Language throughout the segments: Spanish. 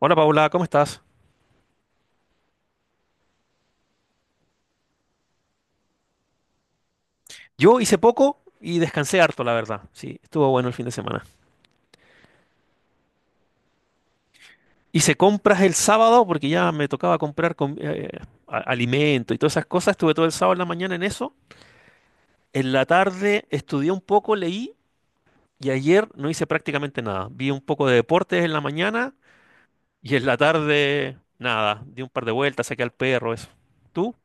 Hola Paula, ¿cómo estás? Yo hice poco y descansé harto, la verdad. Sí, estuvo bueno el fin de semana. Hice compras el sábado porque ya me tocaba comprar alimento y todas esas cosas. Estuve todo el sábado en la mañana en eso. En la tarde estudié un poco, leí y ayer no hice prácticamente nada. Vi un poco de deportes en la mañana y en la tarde nada. Di un par de vueltas, saqué al perro, eso. ¿Tú?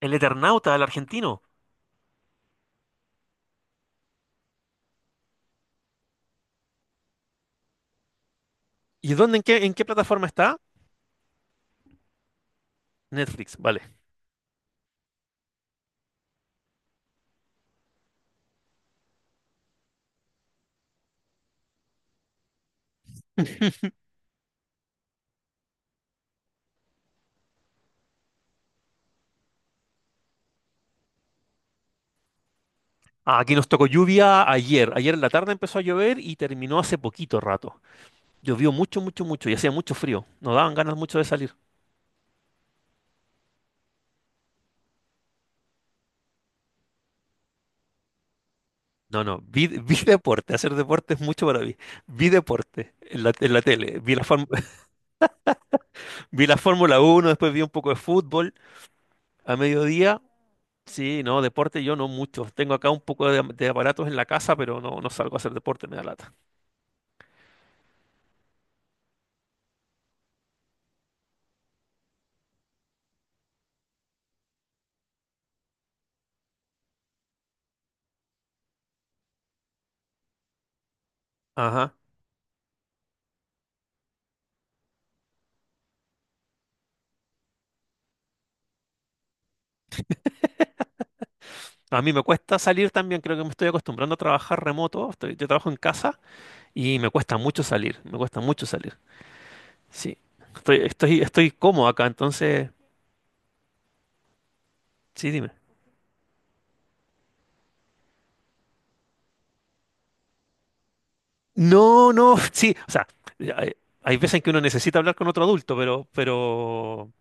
El Eternauta, el argentino. ¿Y dónde, en qué plataforma está? Netflix, vale. Ah, aquí nos tocó lluvia ayer. Ayer en la tarde empezó a llover y terminó hace poquito rato. Llovió mucho, mucho, mucho y hacía mucho frío. Nos daban ganas mucho de salir. No, no, vi, vi deporte. Hacer deporte es mucho para mí. Vi deporte en en la tele. Vi la, fórm- Vi la Fórmula Uno, después vi un poco de fútbol a mediodía. Sí, no, deporte yo no mucho. Tengo acá un poco de aparatos en la casa, pero no, no salgo a hacer deporte, me da lata. Ajá. A mí me cuesta salir también, creo que me estoy acostumbrando a trabajar remoto. Estoy- yo trabajo en casa. Y me cuesta mucho salir, me cuesta mucho salir. Sí, estoy cómodo acá, entonces, sí, dime. No, no, sí, o sea, hay, hay veces en que uno necesita hablar con otro adulto,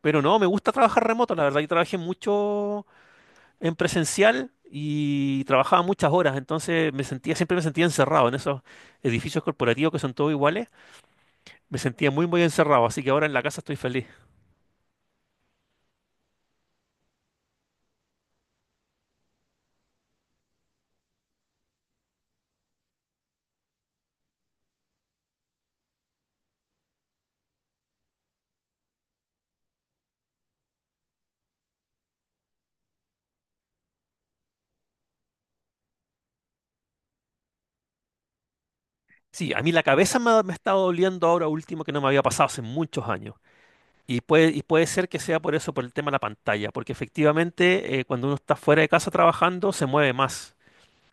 pero no, me gusta trabajar remoto, la verdad, yo trabajé mucho en presencial y trabajaba muchas horas, entonces siempre me sentía encerrado en esos edificios corporativos que son todos iguales, me sentía muy, muy encerrado, así que ahora en la casa estoy feliz. Sí, a mí la cabeza me ha estado doliendo ahora último que no me había pasado hace muchos años. Y puede ser que sea por eso, por el tema de la pantalla, porque efectivamente cuando uno está fuera de casa trabajando se mueve más.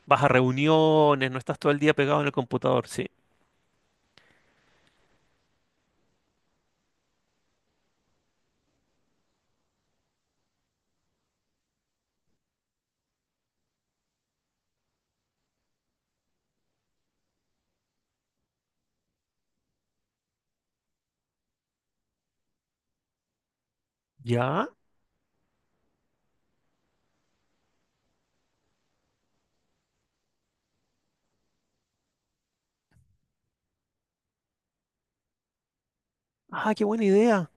Vas a reuniones, no estás todo el día pegado en el computador, sí. ¿Ya? Ah, qué buena idea.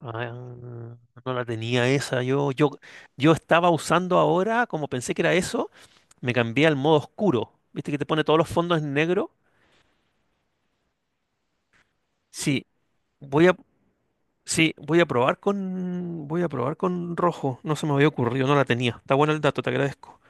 Ah, no la tenía esa. Yo estaba usando ahora, como pensé que era eso, me cambié al modo oscuro. ¿Viste que te pone todos los fondos en negro? Sí, voy a, sí, voy a probar con rojo. No se me había ocurrido, no la tenía. Está bueno el dato, te agradezco.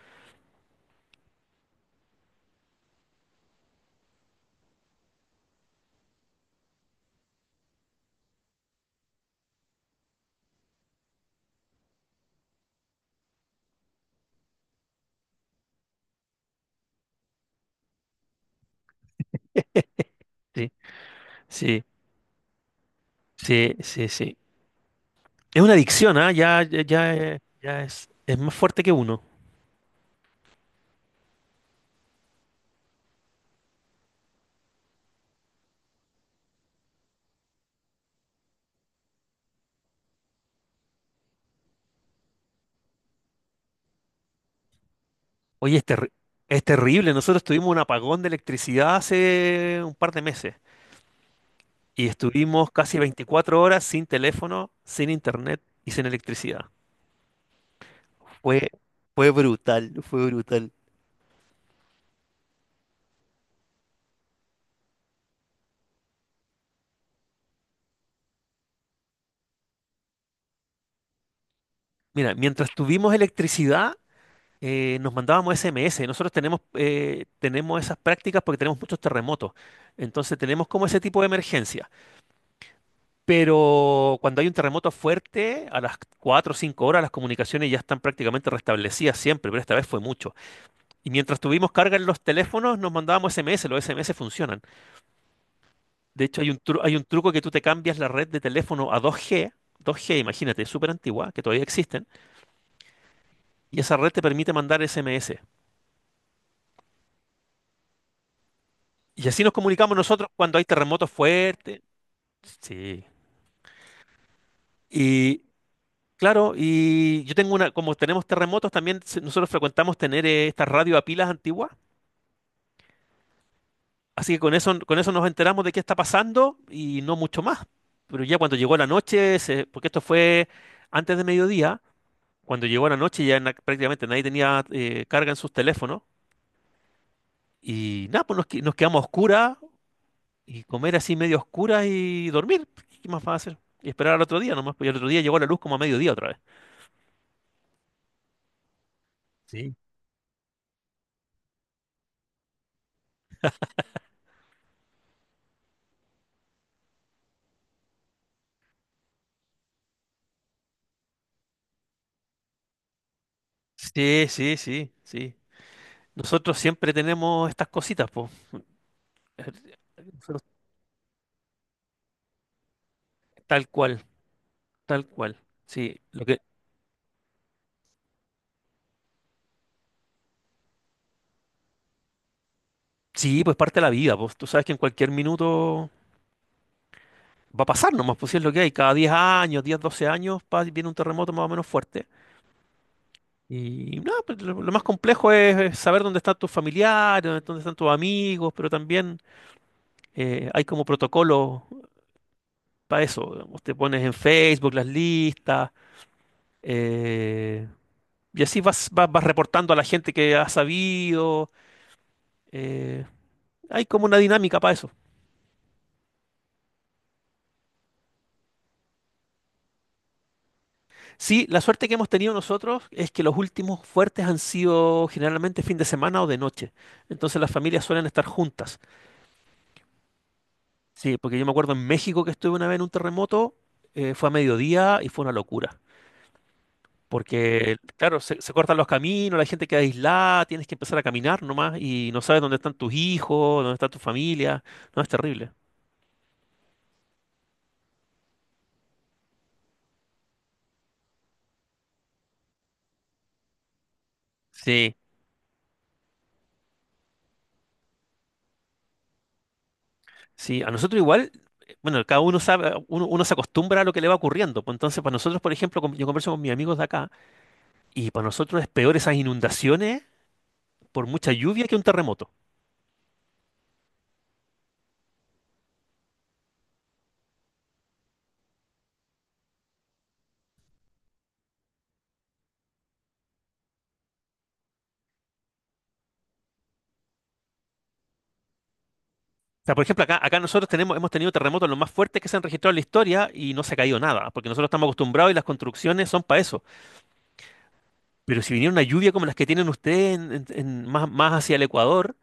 Sí. Sí, sí, sí, sí. Es una adicción, ¿ah? Ya, ya, ya, es más fuerte que uno. Oye, es, terri- es terrible. Nosotros tuvimos un apagón de electricidad hace un par de meses y estuvimos casi 24 horas sin teléfono, sin internet y sin electricidad. Fue, Fue brutal, fue brutal. Mira, mientras tuvimos electricidad, nos mandábamos SMS. Nosotros tenemos, tenemos esas prácticas porque tenemos muchos terremotos. Entonces tenemos como ese tipo de emergencia. Pero cuando hay un terremoto fuerte, a las 4 o 5 horas las comunicaciones ya están prácticamente restablecidas siempre, pero esta vez fue mucho. Y mientras tuvimos carga en los teléfonos, nos mandábamos SMS, los SMS funcionan. De hecho, hay un truco que tú te cambias la red de teléfono a 2G, 2G, imagínate, súper antigua, que todavía existen, y esa red te permite mandar SMS. Y así nos comunicamos nosotros cuando hay terremotos fuertes. Sí. Y claro, y yo tengo una, como tenemos terremotos, también se- nosotros frecuentamos tener estas radio a pilas antiguas. Así que con eso nos enteramos de qué está pasando y no mucho más. Pero ya cuando llegó la noche, se- porque esto fue antes de mediodía, cuando llegó la noche ya na- prácticamente nadie tenía carga en sus teléfonos. Y nada, pues nos quedamos a oscuras y comer así medio a oscuras y dormir. ¿Qué más va a hacer? Y esperar al otro día nomás, pues y al otro día llegó la luz como a mediodía otra vez. Sí. Sí, sí, sí, sí. Nosotros siempre tenemos estas cositas, pues. Nosotros- tal cual, tal cual. Sí, lo que sí, pues parte de la vida, pues tú sabes que en cualquier minuto va a pasar nomás, pues si es lo que hay, cada 10 años, 12 años pa- viene un terremoto más o menos fuerte. Y nada, pues, lo más complejo es saber dónde están tus familiares, dónde están tus amigos, pero también hay como protocolo para eso. Digamos, te pones en Facebook las listas, eh, y así vas reportando a la gente que has sabido. eh, Hay como una dinámica para eso. Sí, la suerte que hemos tenido nosotros es que los últimos fuertes han sido generalmente fin de semana o de noche. Entonces las familias suelen estar juntas. Sí, porque yo me acuerdo en México que estuve una vez en un terremoto, fue a mediodía y fue una locura. Porque, claro, se cortan los caminos, la gente queda aislada, tienes que empezar a caminar nomás y no sabes dónde están tus hijos, dónde está tu familia. No, es terrible. Sí, sí, a nosotros igual, bueno, cada uno sabe, uno se acostumbra a lo que le va ocurriendo. Pues entonces, para nosotros, por ejemplo, con- yo converso con mis amigos de acá. Y para nosotros es peor esas inundaciones por mucha lluvia que un terremoto. O sea, por ejemplo, acá nosotros tenemos, hemos tenido terremotos los más fuertes que se han registrado en la historia y no se ha caído nada, porque nosotros estamos acostumbrados y las construcciones son para eso. Pero si viniera una lluvia como las que tienen ustedes más, más hacia el Ecuador,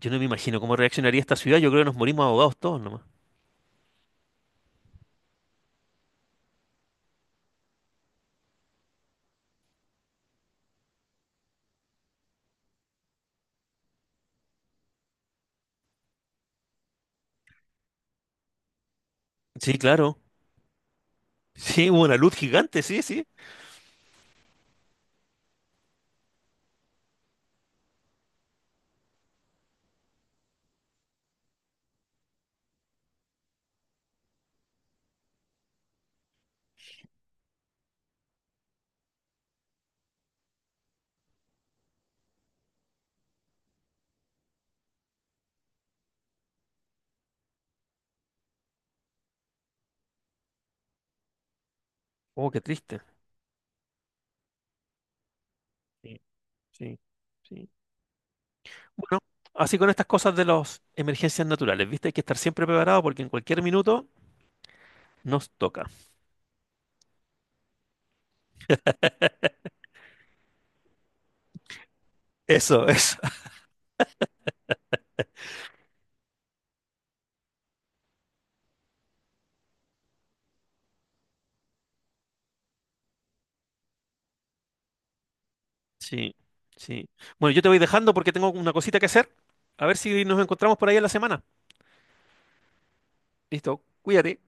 yo no me imagino cómo reaccionaría esta ciudad. Yo creo que nos morimos ahogados todos nomás. Sí, claro. Sí, hubo una luz gigante, sí, sí. Oh, qué triste. Sí, sí, sí. Bueno, así con estas cosas de las emergencias naturales, ¿viste? Hay que estar siempre preparado porque en cualquier minuto... Nos toca. Eso, eso. Sí, sí. Bueno, yo te voy dejando porque tengo una cosita que hacer. A ver si nos encontramos por ahí en la semana. Listo, cuídate.